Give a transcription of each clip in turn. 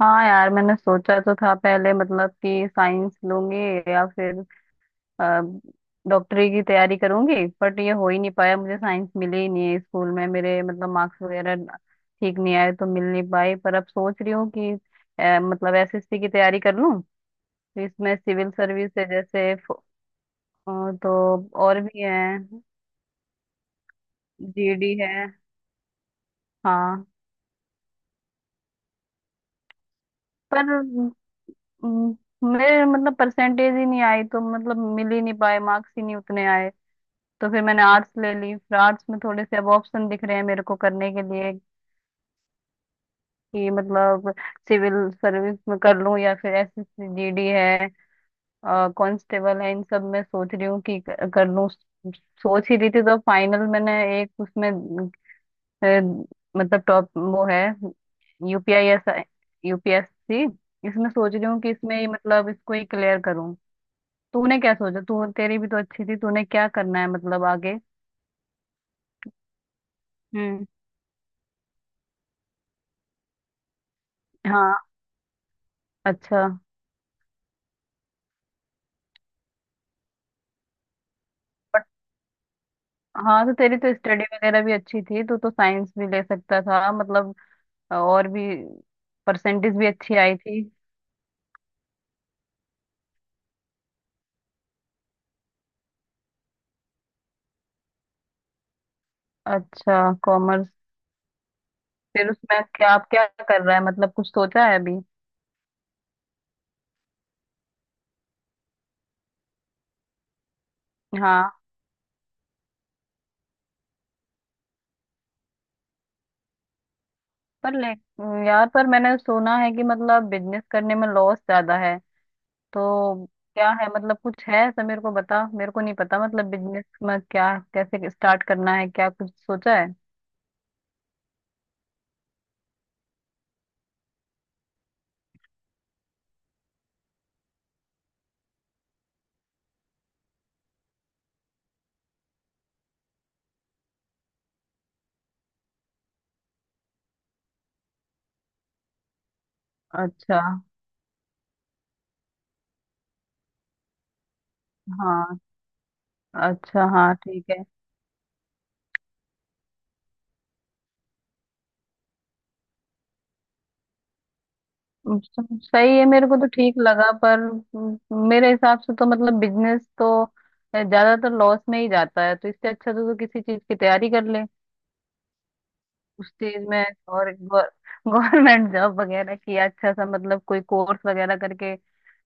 हाँ यार, मैंने सोचा तो था पहले मतलब कि साइंस लूंगी या फिर अ, डॉक्टरी की तैयारी करूंगी। बट ये हो ही नहीं पाया, मुझे साइंस मिली ही नहीं है स्कूल में मेरे। मतलब मार्क्स वगैरह ठीक नहीं आए तो मिल नहीं पाई। पर अब सोच रही हूँ कि मतलब एसएससी की तैयारी कर लूँ। तो इसमें सिविल सर्विस है जैसे अ, तो और भी है। जीडी है। हाँ पर अम, मेरे मतलब परसेंटेज ही नहीं आई, तो मतलब मिल ही नहीं पाए, मार्क्स ही नहीं उतने आए। तो फिर मैंने आर्ट्स ले ली, फिर आर्ट्स में थोड़े से अब ऑप्शन दिख रहे हैं मेरे को करने के लिए कि मतलब सिविल सर्विस में कर लूं या फिर एसएसजीडी है, कांस्टेबल है, इन सब में सोच रही हूँ कि कर लूं। सोच ही रही थी तो फाइनल मैंने एक उसमें अ, मतलब टॉप वो है यूपीआई एस, यूपीएससी। इसमें सोच रही हूँ कि इसमें ही मतलब इसको ही क्लियर करूँ। तूने क्या सोचा? तू, तेरी भी तो अच्छी थी, तूने क्या करना है मतलब आगे। हम्म। हाँ। अच्छा। हाँ तो तेरी तो स्टडी वगैरह भी अच्छी थी, तू तो साइंस भी ले सकता था मतलब, और भी परसेंटेज भी अच्छी आई थी। अच्छा, कॉमर्स। फिर उसमें क्या आप क्या कर रहा है, मतलब कुछ सोचा है अभी? हाँ। पर ले, यार पर मैंने सुना है कि मतलब बिजनेस करने में लॉस ज्यादा है। तो क्या है मतलब, कुछ है ऐसा? मेरे को बता, मेरे को नहीं पता मतलब बिजनेस में क्या कैसे स्टार्ट करना है, क्या कुछ सोचा है? अच्छा। हाँ। अच्छा, हाँ ठीक है। अच्छा, सही है, मेरे को तो ठीक लगा पर मेरे हिसाब से तो मतलब बिजनेस तो ज्यादातर लॉस में ही जाता है, तो इससे अच्छा तो किसी चीज की तैयारी कर ले उस चीज में। और गवर्नमेंट जॉब वगैरह की अच्छा सा मतलब कोई कोर्स वगैरह करके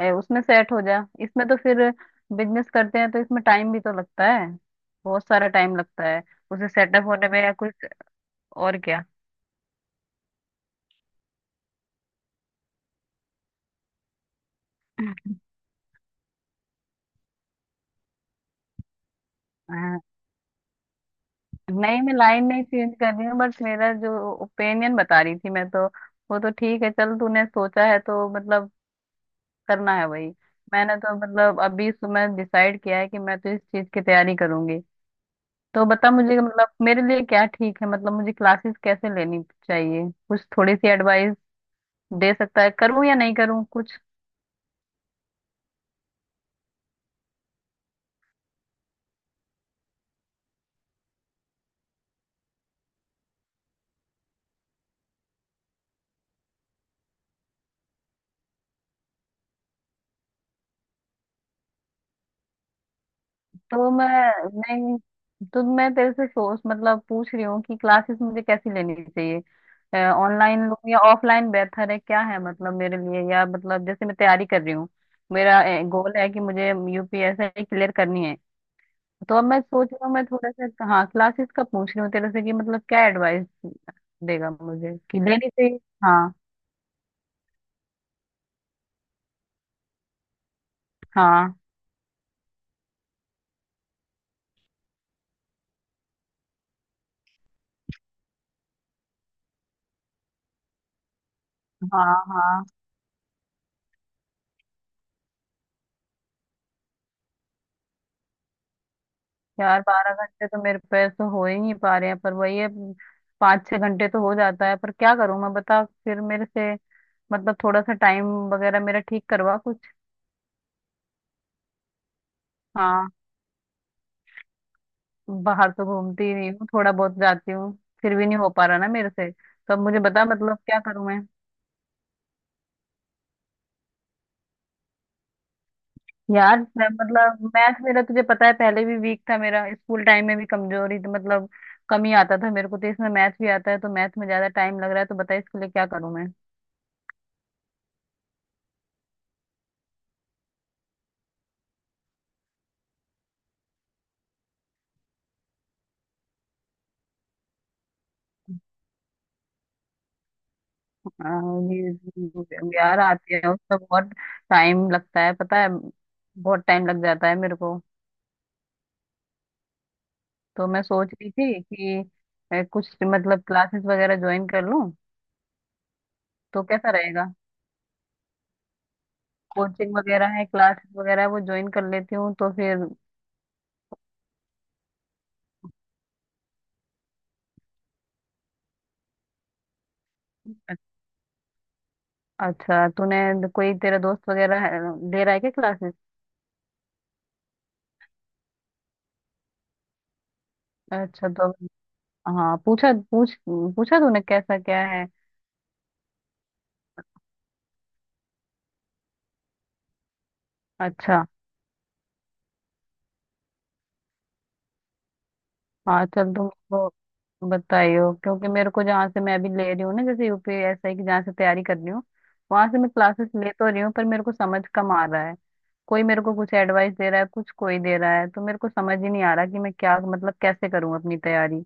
उसमें सेट हो जा। इसमें तो फिर बिजनेस करते हैं तो इसमें टाइम भी तो लगता है, बहुत सारा टाइम लगता है उसे सेटअप होने में या कुछ। और क्या। नहीं, मैं लाइन नहीं चेंज कर रही हूँ, बट मेरा जो ओपिनियन बता रही थी मैं तो। वो तो ठीक है, चल तूने सोचा है तो मतलब करना है वही। मैंने तो मतलब अभी सुबह डिसाइड किया है कि मैं तो इस चीज की तैयारी करूंगी। तो बता मुझे कि मतलब मेरे लिए क्या ठीक है, मतलब मुझे क्लासेस कैसे लेनी चाहिए, कुछ थोड़ी सी एडवाइस दे सकता है, करूँ या नहीं करूँ कुछ। तो मैं नहीं तो मैं तेरे से सोच मतलब पूछ रही हूँ कि क्लासेस मुझे कैसी लेनी चाहिए, ऑनलाइन लूँ या ऑफलाइन बेहतर है, क्या है मतलब मेरे लिए, या मतलब जैसे मैं तैयारी कर रही हूँ। मेरा गोल है कि मुझे यूपीएससी क्लियर करनी है। तो अब मैं सोच रही हूँ, मैं थोड़ा सा हाँ क्लासेस का पूछ रही हूँ तेरे से कि मतलब क्या एडवाइस देगा मुझे कि लेनी चाहिए। हाँ। हाँ। हाँ। हाँ। यार 12 घंटे तो मेरे पैर तो हो ही नहीं पा रहे हैं, पर वही है, 5 6 घंटे तो हो जाता है। पर क्या करूं मैं, बता फिर मेरे से। मतलब थोड़ा सा टाइम वगैरह मेरा ठीक करवा कुछ। हाँ। बाहर तो घूमती ही नहीं हूँ, थोड़ा बहुत जाती हूँ। फिर भी नहीं हो पा रहा ना मेरे से, तो अब मुझे बता मतलब क्या करूं मैं। यार मैं मतलब मैथ मेरा तुझे पता है पहले भी वीक था मेरा, स्कूल टाइम में भी कमजोरी थी मतलब, कम ही आता था मेरे को। तो इसमें मैथ भी आता है, तो मैथ में ज्यादा टाइम लग रहा है, तो बता इसके लिए क्या करूं मैं। हाँ, यार आती है, उसका बहुत टाइम लगता है, पता है। बहुत टाइम लग जाता है मेरे को। तो मैं सोच रही थी कि मैं कुछ मतलब क्लासेस वगैरह ज्वाइन कर लूँ तो कैसा रहेगा। कोचिंग वगैरह है, क्लासेस वगैरह है, वो ज्वाइन कर लेती हूँ तो फिर। अच्छा, तूने कोई तेरा दोस्त ले रहा है क्या क्लासेस? अच्छा तो हाँ, पूछा तूने कैसा क्या है? अच्छा। हाँ चल, तुम तो बताइयो, क्योंकि मेरे को जहाँ से मैं अभी ले रही हूँ ना, जैसे यूपीएसआई की जहाँ से तैयारी कर रही हूँ, वहां से मैं क्लासेस ले तो रही हूँ, पर मेरे को समझ कम आ रहा है। कोई मेरे को कुछ एडवाइस दे रहा है, कुछ कोई दे रहा है, तो मेरे को समझ ही नहीं आ रहा कि मैं क्या मतलब कैसे करूँ अपनी तैयारी।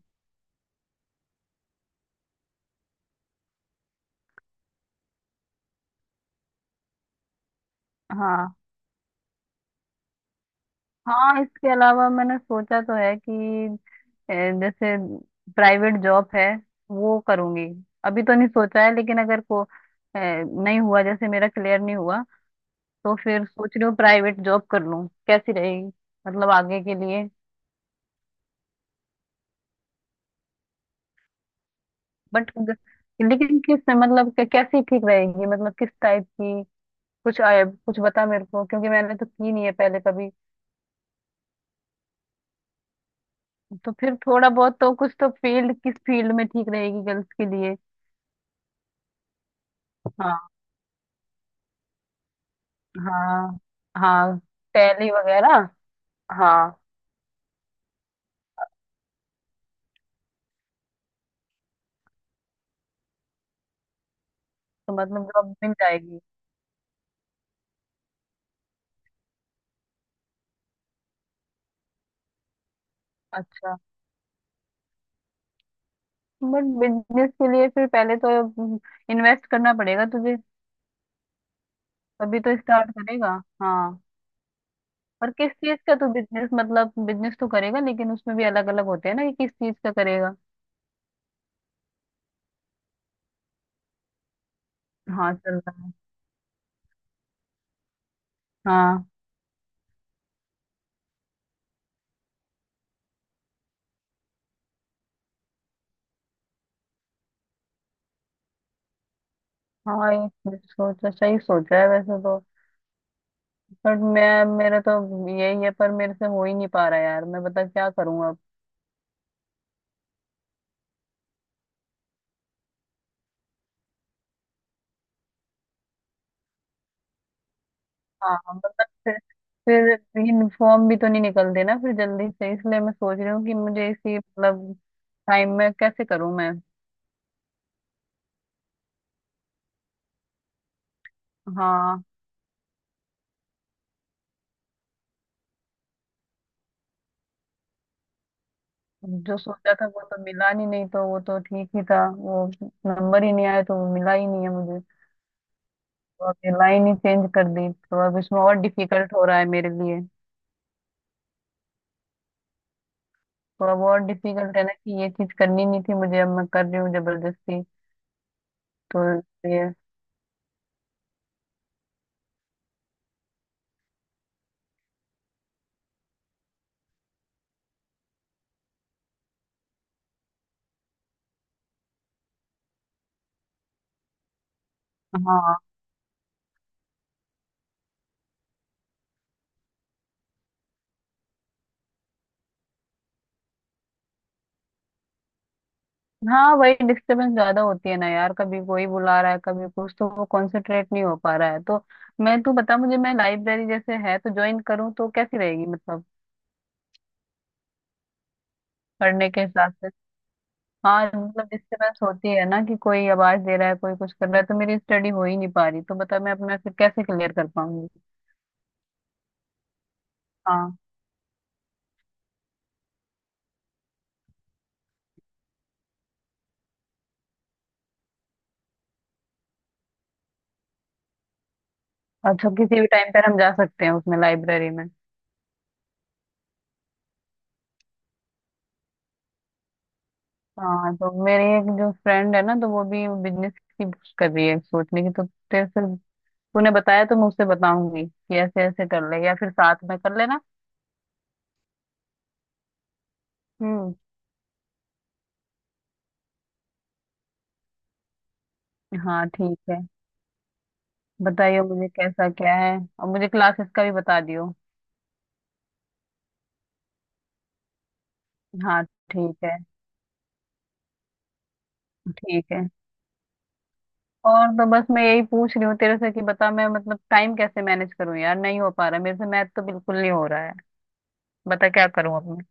हाँ। हाँ इसके अलावा मैंने सोचा तो है कि अ, जैसे प्राइवेट जॉब है, वो करूंगी। अभी तो नहीं सोचा है, लेकिन अगर को नहीं हुआ, जैसे मेरा क्लियर नहीं हुआ, तो फिर सोच रही हूँ प्राइवेट जॉब कर लूँ, कैसी रहेगी मतलब आगे के लिए। बट लेकिन किस में मतलब कैसी ठीक रहेगी मतलब, किस टाइप की कुछ आया, कुछ बता मेरे को, क्योंकि मैंने तो की नहीं है पहले कभी। तो फिर थोड़ा बहुत तो कुछ, तो फील्ड, किस फील्ड में ठीक रहेगी गर्ल्स के लिए। हाँ। हाँ। हाँ, टैली वगैरह। हाँ, तो मतलब जॉब मिल जाएगी। अच्छा। बट बिजनेस के लिए फिर पहले तो इन्वेस्ट करना पड़ेगा तुझे, तभी तो स्टार्ट करेगा। हाँ। और किस चीज का तू बिजनेस, मतलब बिजनेस तो करेगा, लेकिन उसमें भी अलग अलग होते हैं ना, कि किस चीज का करेगा। हाँ चल रहा है। हाँ। हाँ ये ये सोचा, सही सोचा है वैसे तो। बट मैं, मेरा तो यही है पर मेरे से हो ही नहीं पा रहा यार, मैं बता क्या करूँ अब। हाँ मतलब, फिर यूनिफॉर्म भी तो नहीं निकलते ना फिर जल्दी से, इसलिए मैं सोच रही हूँ कि मुझे इसी मतलब टाइम में कैसे करूँ मैं। हाँ जो सोचा था वो तो मिला नहीं, नहीं तो वो तो ठीक ही था वो। नंबर ही नहीं आया तो वो मिला ही नहीं है मुझे। तो अब ये लाइन ही चेंज कर दी, तो अब इसमें और डिफिकल्ट हो रहा है मेरे लिए। तो अब और डिफिकल्ट है ना, कि ये चीज करनी नहीं थी मुझे, अब मैं कर रही हूँ जबरदस्ती। तो ये। हाँ। हाँ वही डिस्टरबेंस ज्यादा होती है ना यार, कभी कोई बुला रहा है कभी कुछ, तो वो कंसंट्रेट नहीं हो पा रहा है। तो मैं, तू बता मुझे, मैं लाइब्रेरी जैसे है तो ज्वाइन करूँ तो कैसी रहेगी, मतलब पढ़ने के हिसाब से। हाँ मतलब डिस्टर्बेंस होती है ना, कि कोई आवाज दे रहा है, कोई कुछ कर रहा है, तो मेरी स्टडी हो ही नहीं पा रही, तो बता मैं अपना फिर कैसे क्लियर कर पाऊंगी। हाँ। अच्छा, किसी भी टाइम पर हम जा सकते हैं उसमें, लाइब्रेरी में। हाँ, तो मेरी एक जो फ्रेंड है ना, तो वो भी बिजनेस की बुक्स कर रही है सोचने की, तो तेरे से, तूने बताया तो मैं उससे बताऊंगी कि ऐसे ऐसे कर ले, या फिर साथ में कर लेना। हम्म। हाँ ठीक है। बताइए मुझे कैसा क्या है, और मुझे क्लासेस का भी बता दियो। हाँ ठीक है। ठीक है। और तो बस मैं यही पूछ रही हूँ तेरे से कि बता, मैं मतलब टाइम कैसे मैनेज करूँ यार, नहीं हो पा रहा मेरे से, मैथ तो बिल्कुल नहीं हो रहा है, बता क्या करूँ अब मैं।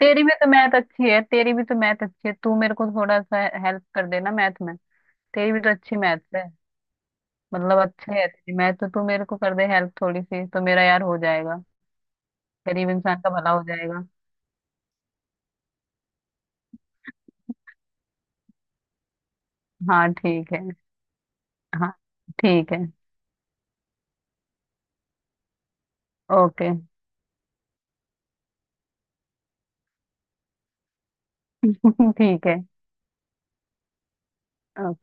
तेरी भी तो मैथ अच्छी है, तेरी भी तो मैथ अच्छी है, तू मेरे को थोड़ा सा हेल्प कर देना मैथ में, तेरी भी तो अच्छी मैथ है। मतलब अच्छे है तेरी मैथ, तो तू मेरे को कर दे हेल्प थोड़ी सी, तो मेरा यार हो जाएगा, गरीब इंसान का भला हो जाएगा। हाँ ठीक है। हाँ। ठीक है। ओके। ठीक है। ओके।